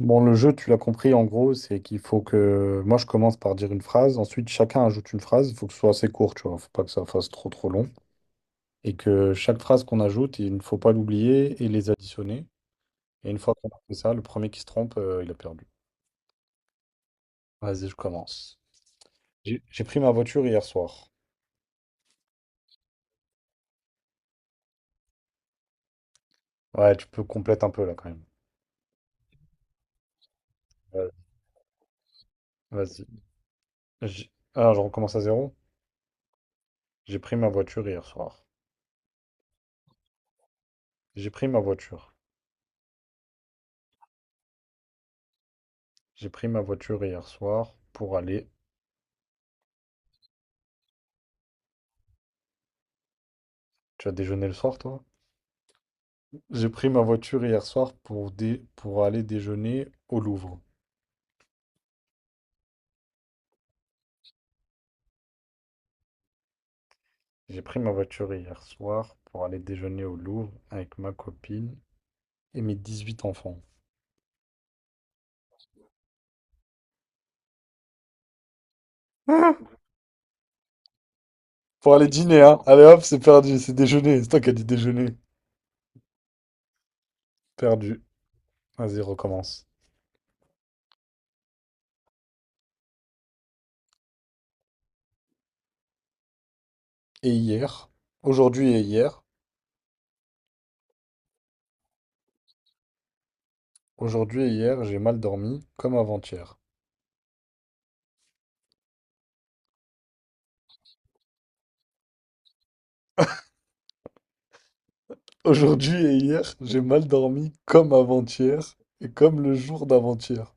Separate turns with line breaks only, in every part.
Bon, le jeu, tu l'as compris, en gros, c'est qu'il faut que moi je commence par dire une phrase, ensuite chacun ajoute une phrase, il faut que ce soit assez court, tu vois, faut pas que ça fasse trop trop long, et que chaque phrase qu'on ajoute, il ne faut pas l'oublier et les additionner. Et une fois qu'on a fait ça, le premier qui se trompe, il a perdu. Vas-y, je commence. J'ai pris ma voiture hier soir. Ouais, tu peux complète un peu là quand même. Ouais. Vas-y. Ah, je recommence à zéro? J'ai pris ma voiture hier soir. J'ai pris ma voiture. J'ai pris ma voiture hier soir pour aller. Tu as déjeuné le soir, toi? J'ai pris ma voiture hier soir pour, pour aller déjeuner au Louvre. J'ai pris ma voiture hier soir pour aller déjeuner au Louvre avec ma copine et mes 18 enfants. Pour aller dîner, hein. Allez hop, c'est perdu, c'est déjeuner. C'est toi qui as dit déjeuner. Perdu. Vas-y, recommence. Et hier, aujourd'hui et hier, aujourd'hui et hier, j'ai mal dormi comme avant-hier. Aujourd'hui et hier, j'ai mal dormi comme avant-hier et comme le jour d'avant-hier.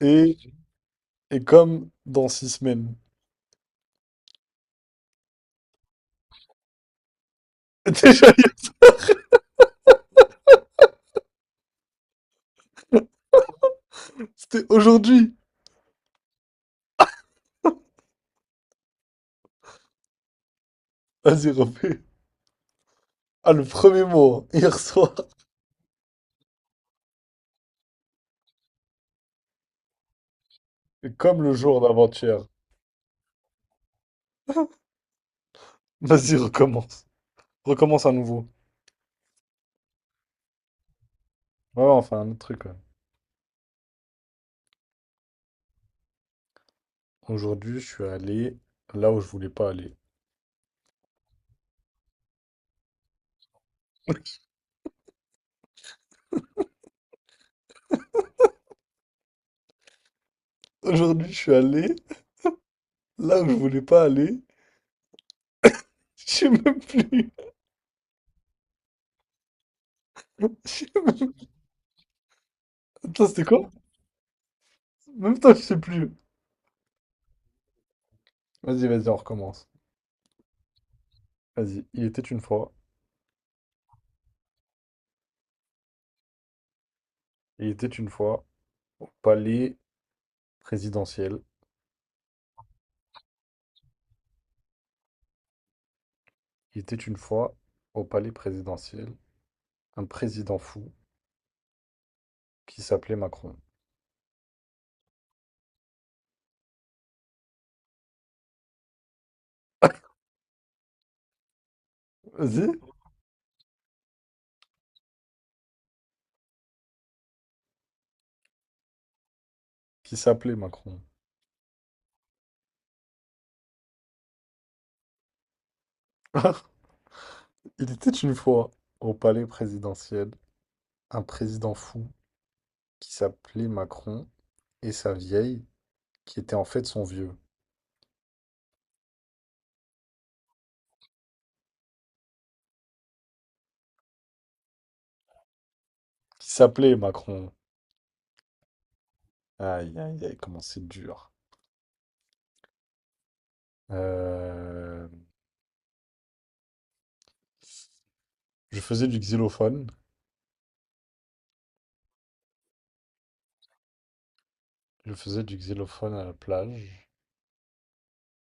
Et, et comme dans 6 semaines. Déjà, c'était aujourd'hui. Vas-y, refais. Ah, le premier mot, hein. Hier soir. Et comme le jour d'avant-hier. Vas-y, recommence. Recommence à nouveau. Ouais, on fait un autre truc. Ouais. Aujourd'hui, je suis allé là où je voulais pas aller. Aujourd'hui, je suis allé là où je voulais pas aller. Je sais même plus. Je sais même- Attends, c'était quoi? Même toi, je sais plus. Vas-y, vas-y, on recommence. Vas-y. Il était une fois. Il était une fois au palais présidentiel. Il était une fois au palais présidentiel. Un président fou qui s'appelait Macron. Vas-y. Qui s'appelait Macron. Il était une fois au palais présidentiel un président fou qui s'appelait Macron et sa vieille qui était en fait son vieux. Qui s'appelait Macron. Aïe, aïe, aïe, comment c'est dur. Euh, Je faisais du xylophone. Je faisais du xylophone à la plage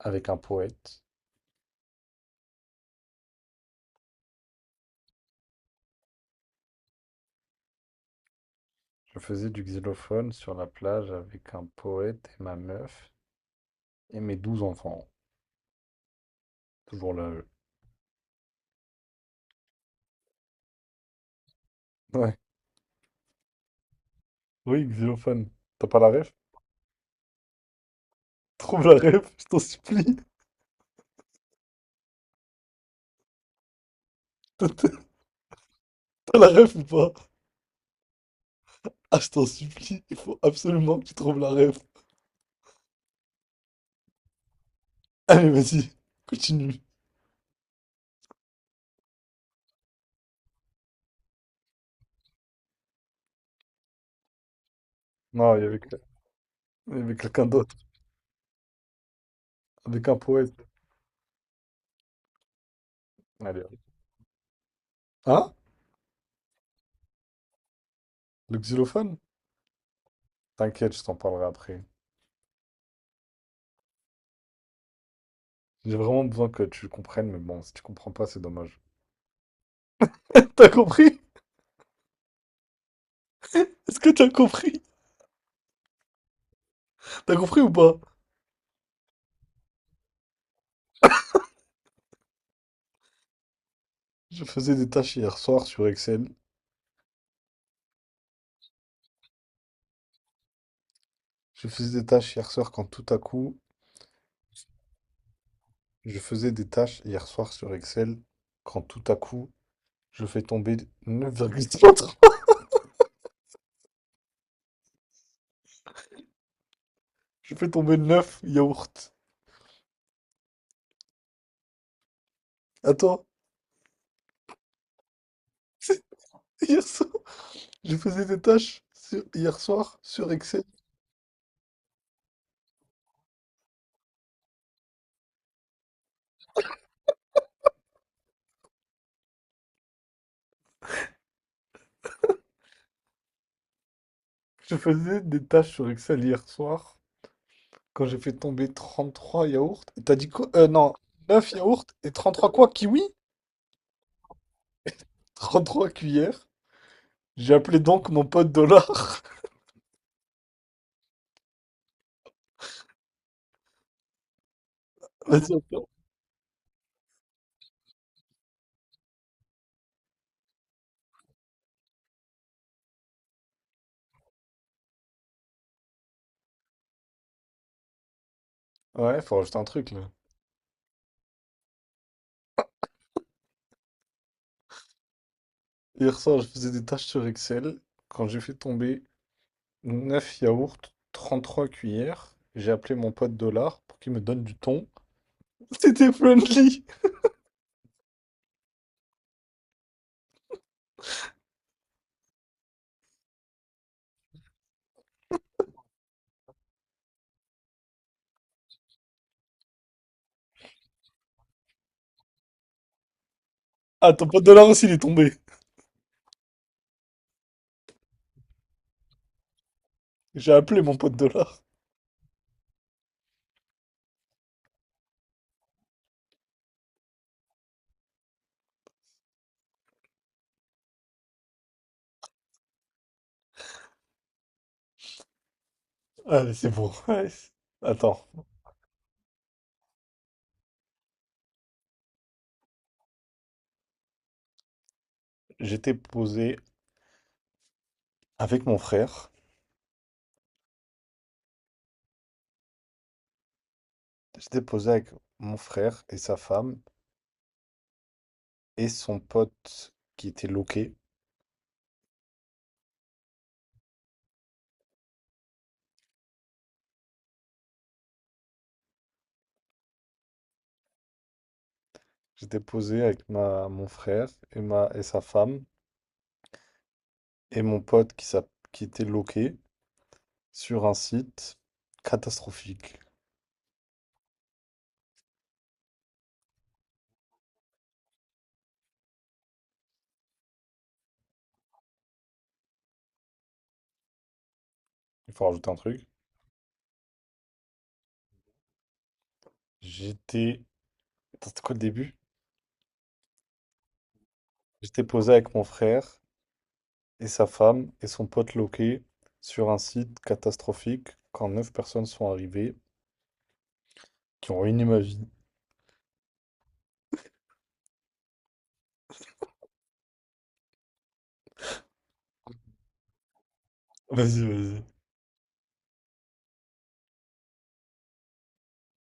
avec un poète. Je faisais du xylophone sur la plage avec un poète et ma meuf et mes 12 enfants. Toujours là, eux. Ouais. Oui, xylophone. T'as pas la ref? Trouve la ref, je t'en supplie. T'as t'as- t'as la ref ou pas? Ah, je t'en supplie, il faut absolument que tu trouves la ref. Allez, vas-y, continue. Non, il y avait, il y avait quelqu'un d'autre, avec un poète. Allez. Hein? Le xylophone? T'inquiète, je t'en parlerai après. J'ai vraiment besoin que tu comprennes, mais bon, si tu comprends pas, c'est dommage. T'as compris? Est-ce que t'as compris? T'as compris ou pas? Je faisais des tâches hier soir sur Excel. Je faisais des tâches hier soir quand tout à coup. Je faisais des tâches hier soir sur Excel quand tout à coup, je fais tomber 9,33. Je fais tomber 9 yaourts. Attends, c'est hier soir, je faisais des tâches hier soir sur Excel. Je faisais des tâches sur Excel hier soir quand j'ai fait tomber 33 yaourts. Et t'as dit quoi? Non, neuf yaourts et 33 quoi? Kiwi? 33 cuillères. J'ai appelé donc mon pote Dollar. Vas-y, attends. Ouais, faut rajouter un truc là. Hier soir, je faisais des tâches sur Excel quand j'ai fait tomber neuf yaourts, 33 cuillères. J'ai appelé mon pote Dollar pour qu'il me donne du thon. C'était friendly. Ah, ton pote Dollar aussi, il est tombé. J'ai appelé mon pote Dollar. Allez, c'est bon. Ouais, attends, j'étais posé avec mon frère. J'étais posé avec mon frère et sa femme et son pote qui était loqué. J'étais posé avec mon frère et sa femme et mon pote qui était loqué sur un site catastrophique. Il faut rajouter un truc. J'étais. Attends, c'était quoi le début? J'étais posé avec mon frère et sa femme et son pote loqué sur un site catastrophique quand neuf personnes sont arrivées qui ont ruiné ma vie. Vas-y, vas-y.